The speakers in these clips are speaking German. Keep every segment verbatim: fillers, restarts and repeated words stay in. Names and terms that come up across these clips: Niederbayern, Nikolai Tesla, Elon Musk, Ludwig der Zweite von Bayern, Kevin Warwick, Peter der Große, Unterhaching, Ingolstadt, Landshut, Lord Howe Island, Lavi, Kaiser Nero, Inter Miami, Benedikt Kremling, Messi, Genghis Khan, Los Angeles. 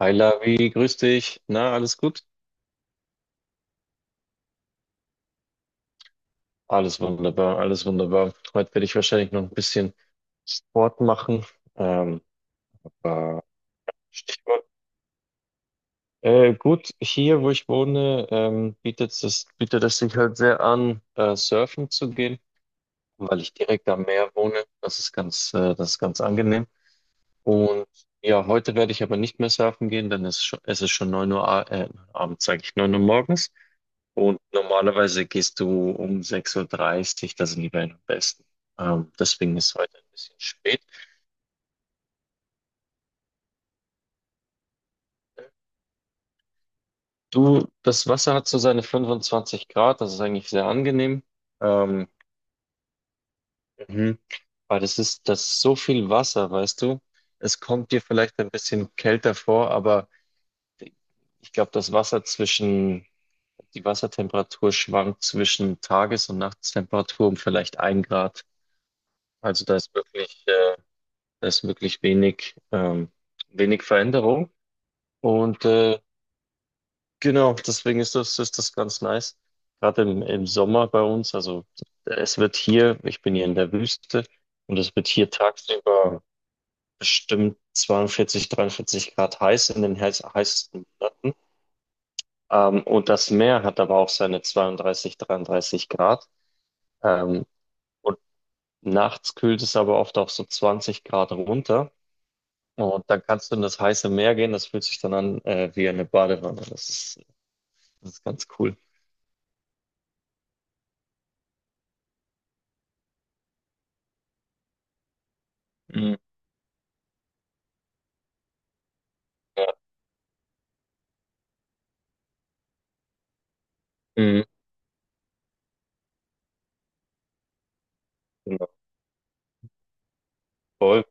Hi Lavi, grüß dich. Na, alles gut? Alles wunderbar, alles wunderbar. Heute werde ich wahrscheinlich noch ein bisschen Sport machen. Ähm, aber Stichwort. Äh, gut, hier, wo ich wohne, ähm, bietet es, bietet es sich halt sehr an, äh, surfen zu gehen, weil ich direkt am Meer wohne. Das ist ganz, äh, das ist ganz angenehm. Und ja, heute werde ich aber nicht mehr surfen gehen, denn es ist schon, es ist schon neun Uhr, a- äh, abends, sage ich, neun Uhr morgens. Und normalerweise gehst du um ein Uhr dreißig, dreißig, da sind die Wellen am besten. Ähm, deswegen ist heute ein bisschen spät. Du, das Wasser hat so seine fünfundzwanzig Grad, das ist eigentlich sehr angenehm. Ähm, mhm. Aber das ist, das ist so viel Wasser, weißt du? Es kommt dir vielleicht ein bisschen kälter vor, aber ich glaube, das Wasser zwischen, die Wassertemperatur schwankt zwischen Tages- und Nachtstemperatur um vielleicht ein Grad. Also da ist wirklich, äh, Da ist wirklich wenig, ähm, wenig Veränderung. Und äh, genau, deswegen ist das, ist das ganz nice. Gerade im, im Sommer bei uns, also es wird hier, ich bin hier in der Wüste und es wird hier tagsüber bestimmt zweiundvierzig, dreiundvierzig Grad heiß in den heiß, heißesten Monaten. Ähm, und das Meer hat aber auch seine zweiunddreißig, dreiunddreißig Grad. Ähm, und nachts kühlt es aber oft auch so zwanzig Grad runter. Und dann kannst du in das heiße Meer gehen, das fühlt sich dann an äh, wie eine Badewanne. Das ist, das ist ganz cool. Mhm. Ja. Mhm. Genau. Voll.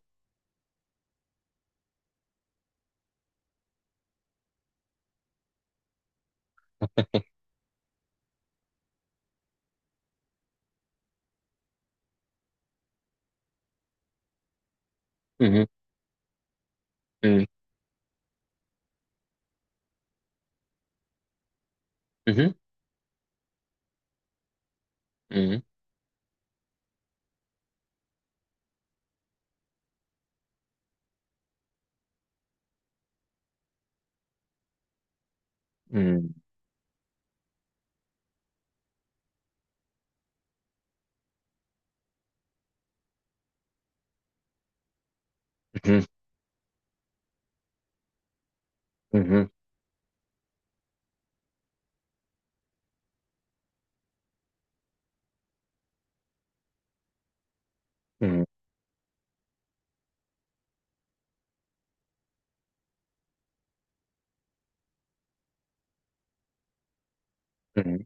Mhm. Mhm. Mhm. Mhm. Mhm. Mhm. Mhm. Mhm. Mhm.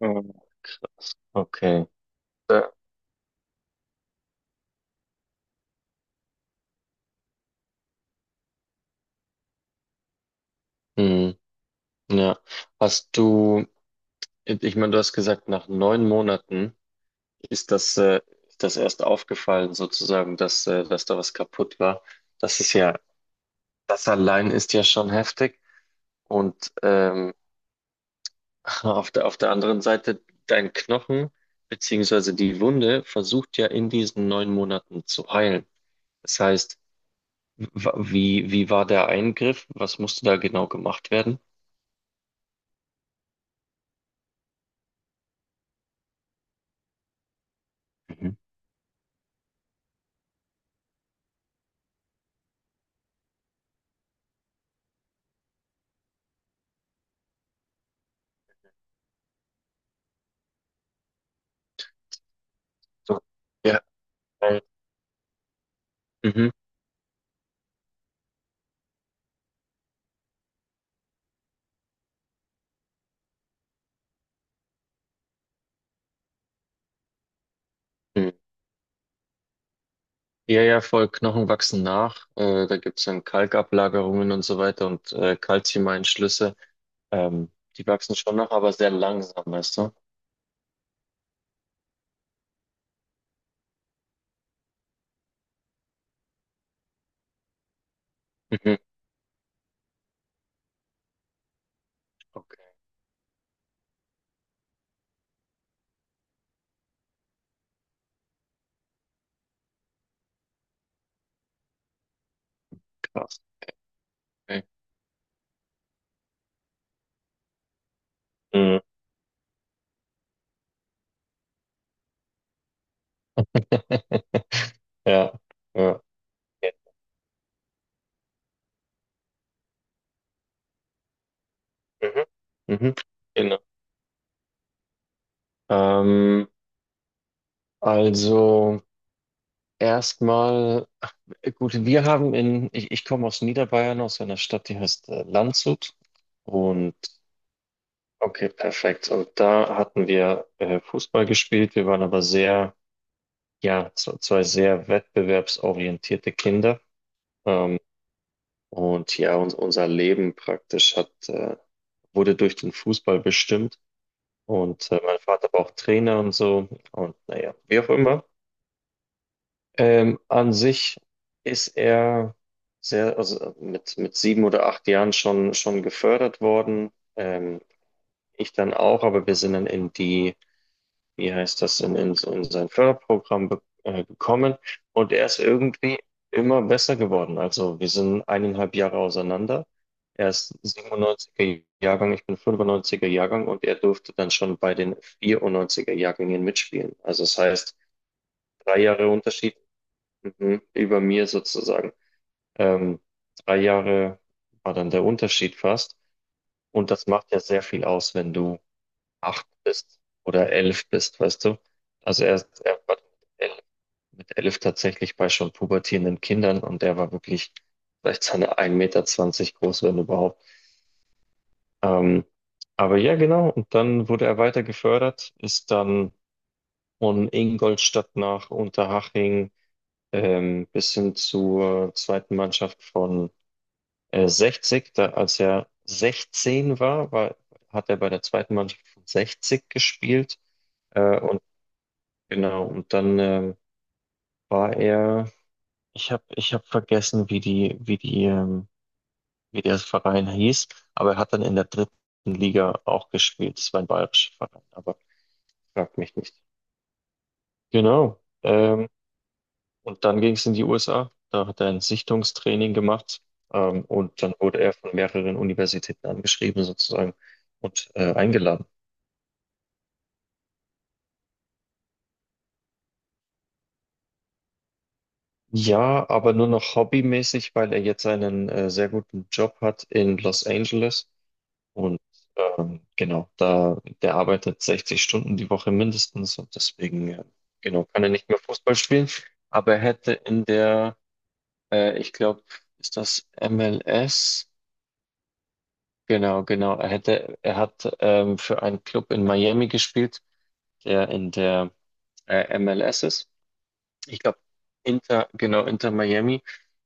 Mhm. Okay. Ja. Mhm. Ja. Hast du, Ich meine, du hast gesagt, nach neun Monaten ist das, äh, ist das erst aufgefallen, sozusagen, dass, äh, dass da was kaputt war. Das ist ja, Das allein ist ja schon heftig. Und ähm, Auf der, auf der anderen Seite, dein Knochen beziehungsweise die Wunde versucht ja in diesen neun Monaten zu heilen. Das heißt, wa- wie, wie war der Eingriff? Was musste da genau gemacht werden? Mhm. So, ja, äh, mhm. Mhm. Ja, ja, voll, Knochen wachsen nach. Äh, da gibt es dann Kalkablagerungen und so weiter und äh, Calciumeinschlüsse. Ähm, die wachsen schon nach, aber sehr langsam, weißt du? Mhm. Okay, krass. Okay. Mhm. Ja, ja. Mhm. Mhm. Genau. Ähm, also erstmal, gut, wir haben in, ich, ich komme aus Niederbayern, aus einer Stadt, die heißt äh, Landshut. Und okay, perfekt. Und da hatten wir äh, Fußball gespielt. Wir waren aber sehr, ja, z- zwei sehr wettbewerbsorientierte Kinder. Ähm, und ja, uns, unser Leben praktisch hat, äh, wurde durch den Fußball bestimmt. Und äh, mein Vater war auch Trainer und so. Und naja, wie auch immer. Ähm, an sich ist er sehr, also mit, mit sieben oder acht Jahren schon, schon gefördert worden. Ähm, ich dann auch, aber wir sind dann in die, wie heißt das, in, in, so in sein Förderprogramm be- äh, gekommen und er ist irgendwie immer besser geworden. Also wir sind eineinhalb Jahre auseinander. Er ist siebenundneunziger Jahrgang, ich bin fünfundneunziger Jahrgang und er durfte dann schon bei den vierundneunziger Jahrgängen mitspielen. Also das heißt, drei Jahre Unterschied. Mhm. Über mir sozusagen. Ähm, Drei Jahre war dann der Unterschied fast. Und das macht ja sehr viel aus, wenn du acht bist oder elf bist, weißt du? Also er, er war mit elf, mit elf tatsächlich bei schon pubertierenden Kindern und der war wirklich vielleicht seine eins Komma zwanzig Meter groß, wenn überhaupt. Ähm, aber ja, genau. Und dann wurde er weiter gefördert, ist dann von Ingolstadt nach Unterhaching ähm, bis hin zur zweiten Mannschaft von äh, sechzig, da, als er sechzehn war, war, hat er bei der zweiten Mannschaft von sechzig gespielt. Äh, und genau, und dann ähm, war er, ich habe ich hab vergessen, wie die, wie die, ähm, wie der Verein hieß, aber er hat dann in der dritten Liga auch gespielt. Das war ein bayerischer Verein, aber fragt mich nicht. Genau. Ähm, Und dann ging es in die U S A. Da hat er ein Sichtungstraining gemacht. Ähm, und dann wurde er von mehreren Universitäten angeschrieben, sozusagen, und äh, eingeladen. Ja, aber nur noch hobbymäßig, weil er jetzt einen äh, sehr guten Job hat in Los Angeles. Und ähm, genau, da, der arbeitet sechzig Stunden die Woche mindestens und deswegen, äh, genau, kann er nicht mehr Fußball spielen. Aber er hätte in der, äh, ich glaube, ist das M L S? Genau, genau. Er hätte, er hat ähm, für einen Club in Miami gespielt, der in der äh, M L S ist. Ich glaube, Inter, genau, Inter Miami.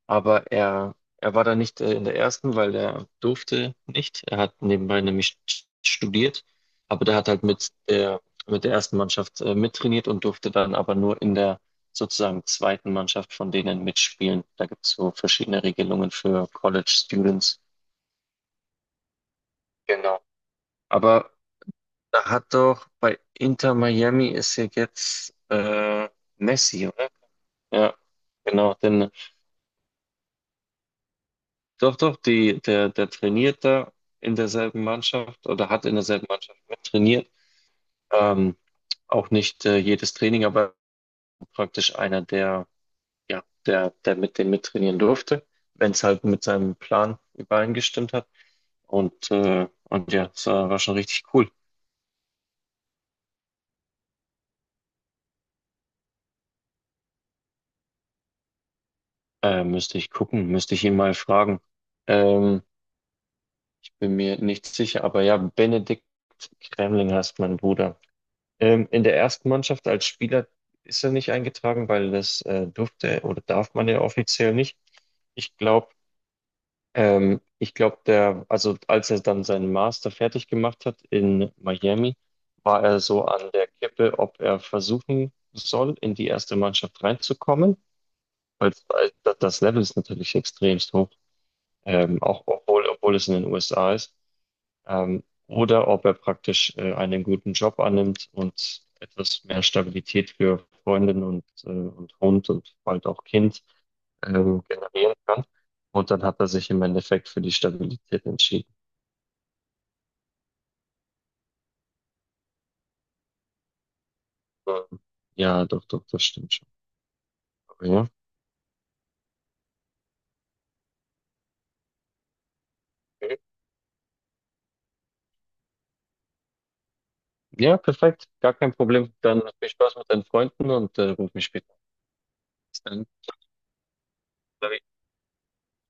Aber er, er war da nicht äh, in der ersten, weil er durfte nicht. Er hat nebenbei nämlich st- studiert, aber der hat halt mit der, mit der ersten Mannschaft äh, mittrainiert und durfte dann aber nur in der sozusagen zweiten Mannschaft von denen mitspielen. Da gibt es so verschiedene Regelungen für College Students. Genau. Aber Da hat doch bei Inter Miami ist ja jetzt äh, Messi, oder? Ja, genau. Denn, doch, doch, die, der, der trainiert da in derselben Mannschaft oder hat in derselben Mannschaft mit trainiert. Ähm, auch nicht äh, jedes Training, aber praktisch einer, der, ja, der, der mit dem mittrainieren durfte, wenn es halt mit seinem Plan übereingestimmt hat. Und, äh, und ja, es war war schon richtig cool. Äh, müsste ich gucken, müsste ich ihn mal fragen. Ähm, bin mir nicht sicher, aber ja, Benedikt Kremling heißt mein Bruder. Ähm, in der ersten Mannschaft als Spieler ist er nicht eingetragen, weil das äh, durfte oder darf man ja offiziell nicht. Ich glaube, ähm, ich glaube, der, also als er dann seinen Master fertig gemacht hat in Miami, war er so an der Kippe, ob er versuchen soll, in die erste Mannschaft reinzukommen, weil, weil das Level ist natürlich extremst hoch, ähm, auch obwohl, obwohl es in den U S A ist ähm, oder ob er praktisch äh, einen guten Job annimmt und etwas mehr Stabilität für Freundin und, äh, und Hund und bald auch Kind ähm, generieren kann. Und dann hat er sich im Endeffekt für die Stabilität entschieden. Ähm, Ja, doch, doch, das stimmt schon. Aber ja. Mhm. Ja, perfekt. Gar kein Problem. Dann viel Spaß mit deinen Freunden und äh, ruf mich später an. Bis dann.